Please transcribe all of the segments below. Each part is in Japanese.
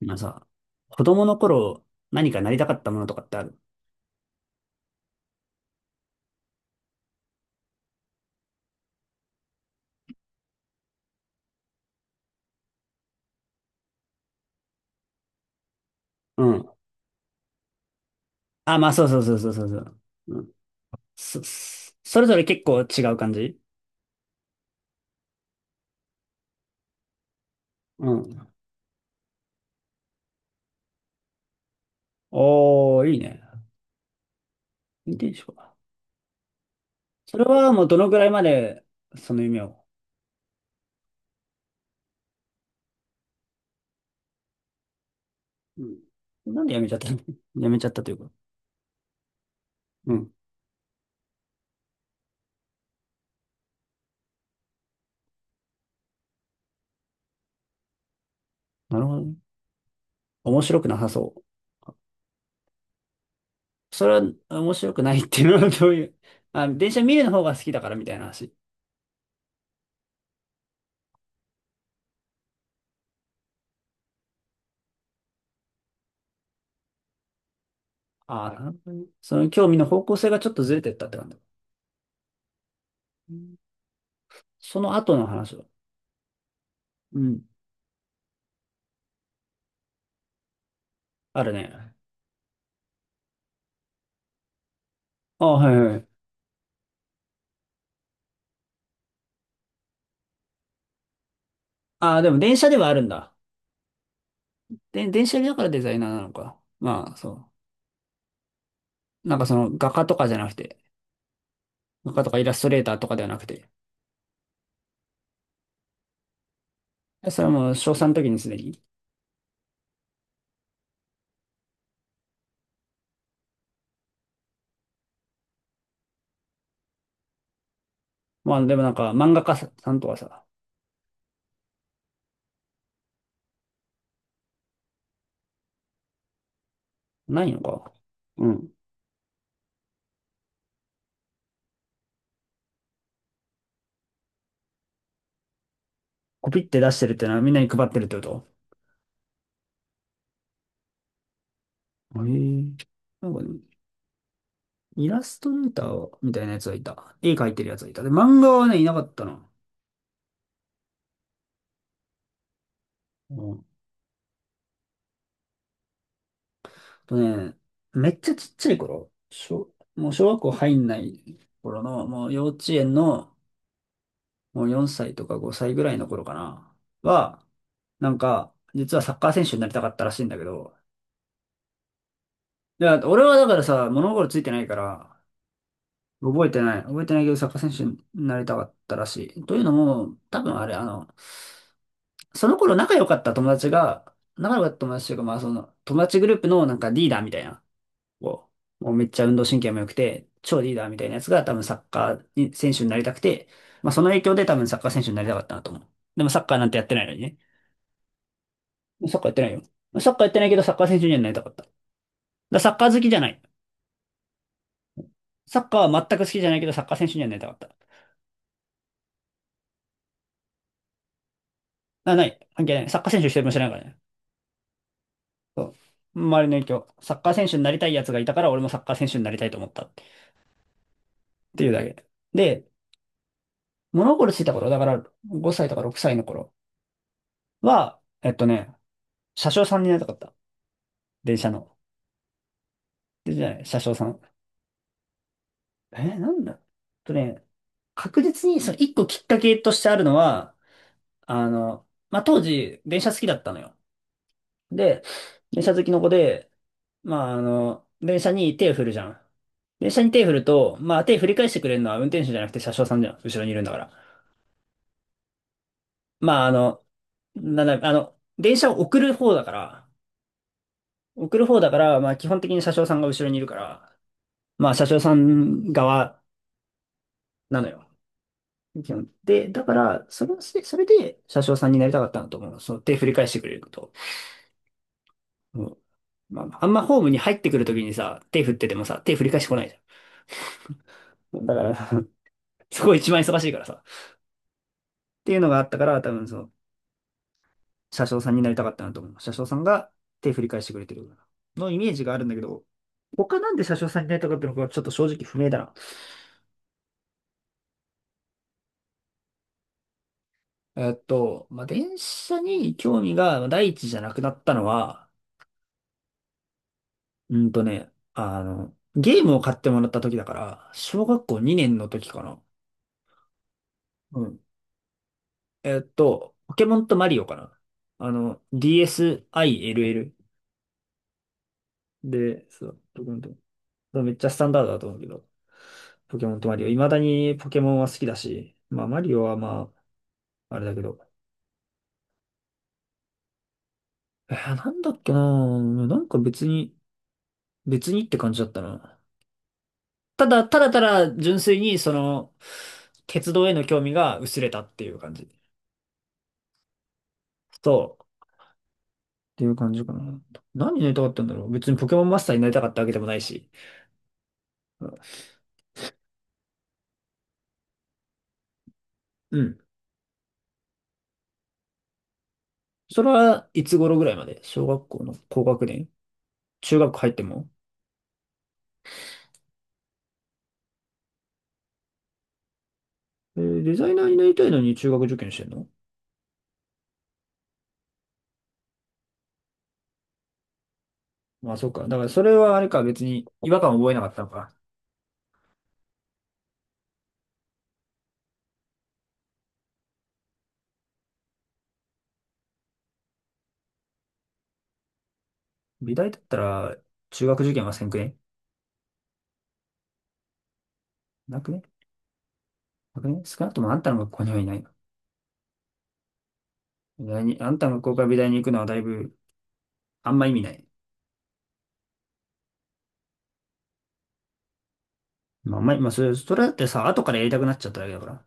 まあさ、子供の頃、何かなりたかったものとかってある？うん。あ、まあそうそうそうそうそうそう。うん。そ、それぞれ結構違う感じ？うん。おー、いいね。運転手か。それはもうどのぐらいまで、その夢を？うん。なんで辞めちゃったの？ 辞めちゃったというか。うん。なるほどね。面白くなさそう。それは面白くないっていうのは どういう？あ、電車見るの方が好きだからみたいな話？ああ、なるほどね。その興味の方向性がちょっとずれてったって感じ。うん。その後の話は？うん。あるね。あ、はいはい。あ、でも電車ではあるんだ。で、電車でだからデザイナーなのか。まあ、そう。なんかその画家とかじゃなくて、画家とかイラストレーターとかではなくて。それはもう小さんの時にすでに？まあでもなんか漫画家さんとかさ、ないのか。うん。コピって出してるってのはみんなに配ってるってこと？へえ。なんか、ね、イラストレーターみたいなやつがいた。絵描いてるやつがいた。で、漫画はね、いなかったな。うんとね、めっちゃちっちゃい頃、もう小学校入んない頃の、もう幼稚園の、もう4歳とか5歳ぐらいの頃かな、は、なんか、実はサッカー選手になりたかったらしいんだけど、いや、俺はだからさ、物心ついてないから、覚えてない。覚えてないけど、サッカー選手になりたかったらしい。というのも、多分あれ、その頃仲良かった友達が、仲良かった友達というか、まあその、友達グループのなんかリーダーみたいな。こもうめっちゃ運動神経も良くて、超リーダーみたいなやつが多分サッカーに選手になりたくて、まあその影響で多分サッカー選手になりたかったなと思う。でもサッカーなんてやってないのにね。サッカーやってないよ。サッカーやってないけどサッカー選手にはなりたかった。だからサッカー好きじゃない。サッカーは全く好きじゃないけどサッカー選手にはなりたかった。あ、ない。関係ない。サッカー選手一人もしてないからね。そう。周りの影響。サッカー選手になりたい奴がいたから俺もサッカー選手になりたいと思ったってていうだけ。で、物心ついた頃、だから5歳とか6歳の頃は、車掌さんになりたかった。電車の。で、じゃあ車掌さん。えーなんだとね、確実にその一個きっかけとしてあるのは、まあ、当時、電車好きだったのよ。で、電車好きの子で、電車に手を振るじゃん。電車に手を振ると、まあ、手振り返してくれるのは運転手じゃなくて車掌さんじゃん。後ろにいるんだから。まあ、あの、なんだ、あの、電車を送る方だから、送る方だから、まあ、基本的に車掌さんが後ろにいるから、まあ、車掌さん側なのよ。基本で、だから、それで車掌さんになりたかったなと思う。その手振り返してくれると。うん。まあ、あんまホームに入ってくるときにさ、手振っててもさ、手振り返してこないじゃん。だから、そこ一番忙しいからさ。っていうのがあったから、多分その、車掌さんになりたかったなと思う。車掌さんが手振り返してくれてるようなのイメージがあるんだけど、他なんで車掌さんになりたかったのかちょっと正直不明だな。えっと、まあ、電車に興味が第一じゃなくなったのは、ゲームを買ってもらった時だから、小学校2年の時かな。うん。えっと、ポケモンとマリオかな。あの、DSiLL。 で、そう、ポケモンと、そうめっちゃスタンダードだと思うけど、ポケモンとマリオ。未だにポケモンは好きだし、マリオはまあ、あれだけど。えーなんだっけなぁ。なんか別に、別にって感じだったな。ただ、ただただ純粋にその、鉄道への興味が薄れたっていう感じ。そう。ていう感じかな。何になりたかったんだろう。別にポケモンマスターになりたかったわけでもないし。うん。それはいつ頃ぐらいまで？小学校の高学年？中学入っても？えーデザイナーになりたいのに中学受験してんの？まあそうか。だからそれはあれか、別に違和感を覚えなかったのか。美大だったら中学受験はせんくね？なくね？なくね？少なくともあんたの学校にはいないの？美大に、あんたの学校から美大に行くのはだいぶあんま意味ない。まあ、あんまり、まあそれ、それだってさ、後からやりたくなっちゃっただけだから。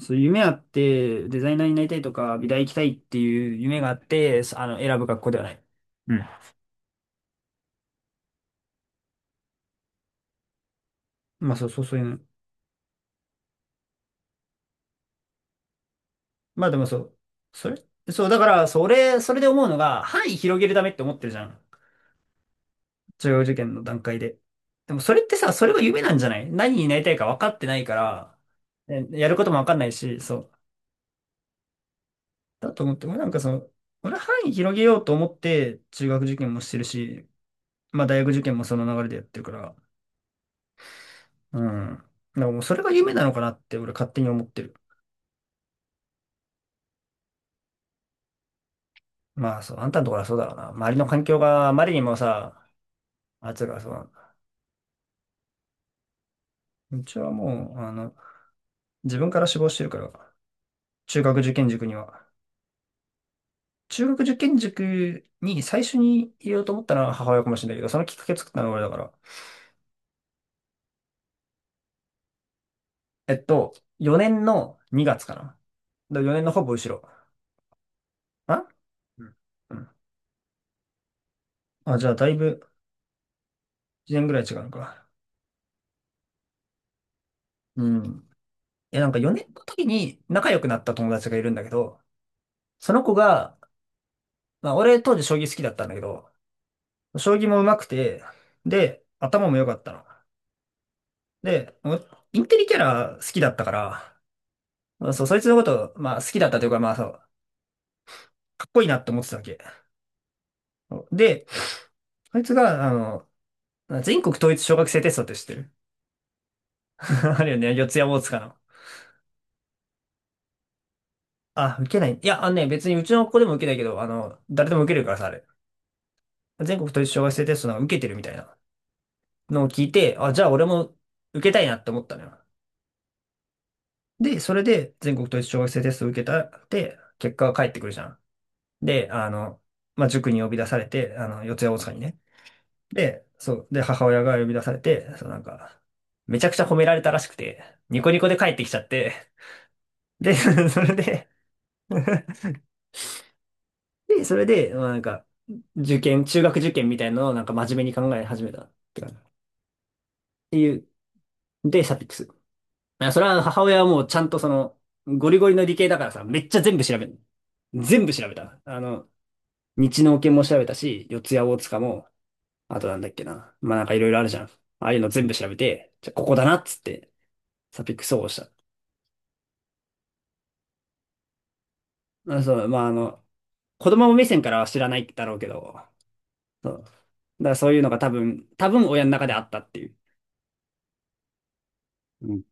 そう、夢あって、デザイナーになりたいとか、美大行きたいっていう夢があって、あの、選ぶ学校ではない。うん。まあそうそうそういうの。まあでもそう。それそう、だから、それで思うのが、範囲広げるためって思ってるじゃん。中学受験の段階で。でもそれってさ、それが夢なんじゃない？何になりたいか分かってないから、えやることも分かんないし、そう。だと思って、俺なんかその、俺範囲広げようと思って、中学受験もしてるし、まあ大学受験もその流れでやってるから、うん。だからもうそれが夢なのかなって俺勝手に思ってる。まあそう、あんたのところはそうだろうな。周りの環境があまりにもさ、あいつがそうなんだ。うちはもう、あの、自分から志望してるから、中学受験塾には。中学受験塾に最初に入れようと思ったのは母親かもしれないけど、そのきっかけ作ったのは俺だから。えっと、4年の2月かな。だ4年のほぼ後ろ。あ、うん、うん、あ、じゃあだいぶ1年ぐらい違うのか。うん。いや、なんか4年の時に仲良くなった友達がいるんだけど、その子が、まあ、俺当時将棋好きだったんだけど、将棋も上手くて、で、頭も良かったの。で、インテリキャラ好きだったから、まあそう、そいつのこと、まあ好きだったというか、まあそう、かっこいいなって思ってたわけ。で、そいつが、あの、全国統一小学生テストって知ってる？ あるよね、四谷大塚の。あ、受けない。いや、あのね、別にうちの子でも受けないけど、あの、誰でも受けるからさ、あれ。全国統一小学生テストなんか受けてるみたいなのを聞いて、あ、じゃあ俺も受けたいなって思ったのよ。で、それで全国統一小学生テストを受けたって、結果が返ってくるじゃん。で、あの、まあ、塾に呼び出されて、あの、四谷大塚にね。で、そう、で、母親が呼び出されて、そう、なんか、めちゃくちゃ褒められたらしくて、ニコニコで帰ってきちゃって、で、それで、で、それで、まあ、なんか、中学受験みたいなのをなんか真面目に考え始めたって感じ。っていう、で、サピックス。あそれは母親はもうちゃんとその、ゴリゴリの理系だからさ、めっちゃ全部調べる。全部調べた。あの、日能研も調べたし、四谷大塚も、あとなんだっけな。まあなんかいろいろあるじゃん。ああいうの全部調べて、じゃあここだなっつって、サピック総合した。あ、そう、まああの、子供目線からは知らないだろうけど、そう。だからそういうのが多分、多分親の中であったっていう。うん。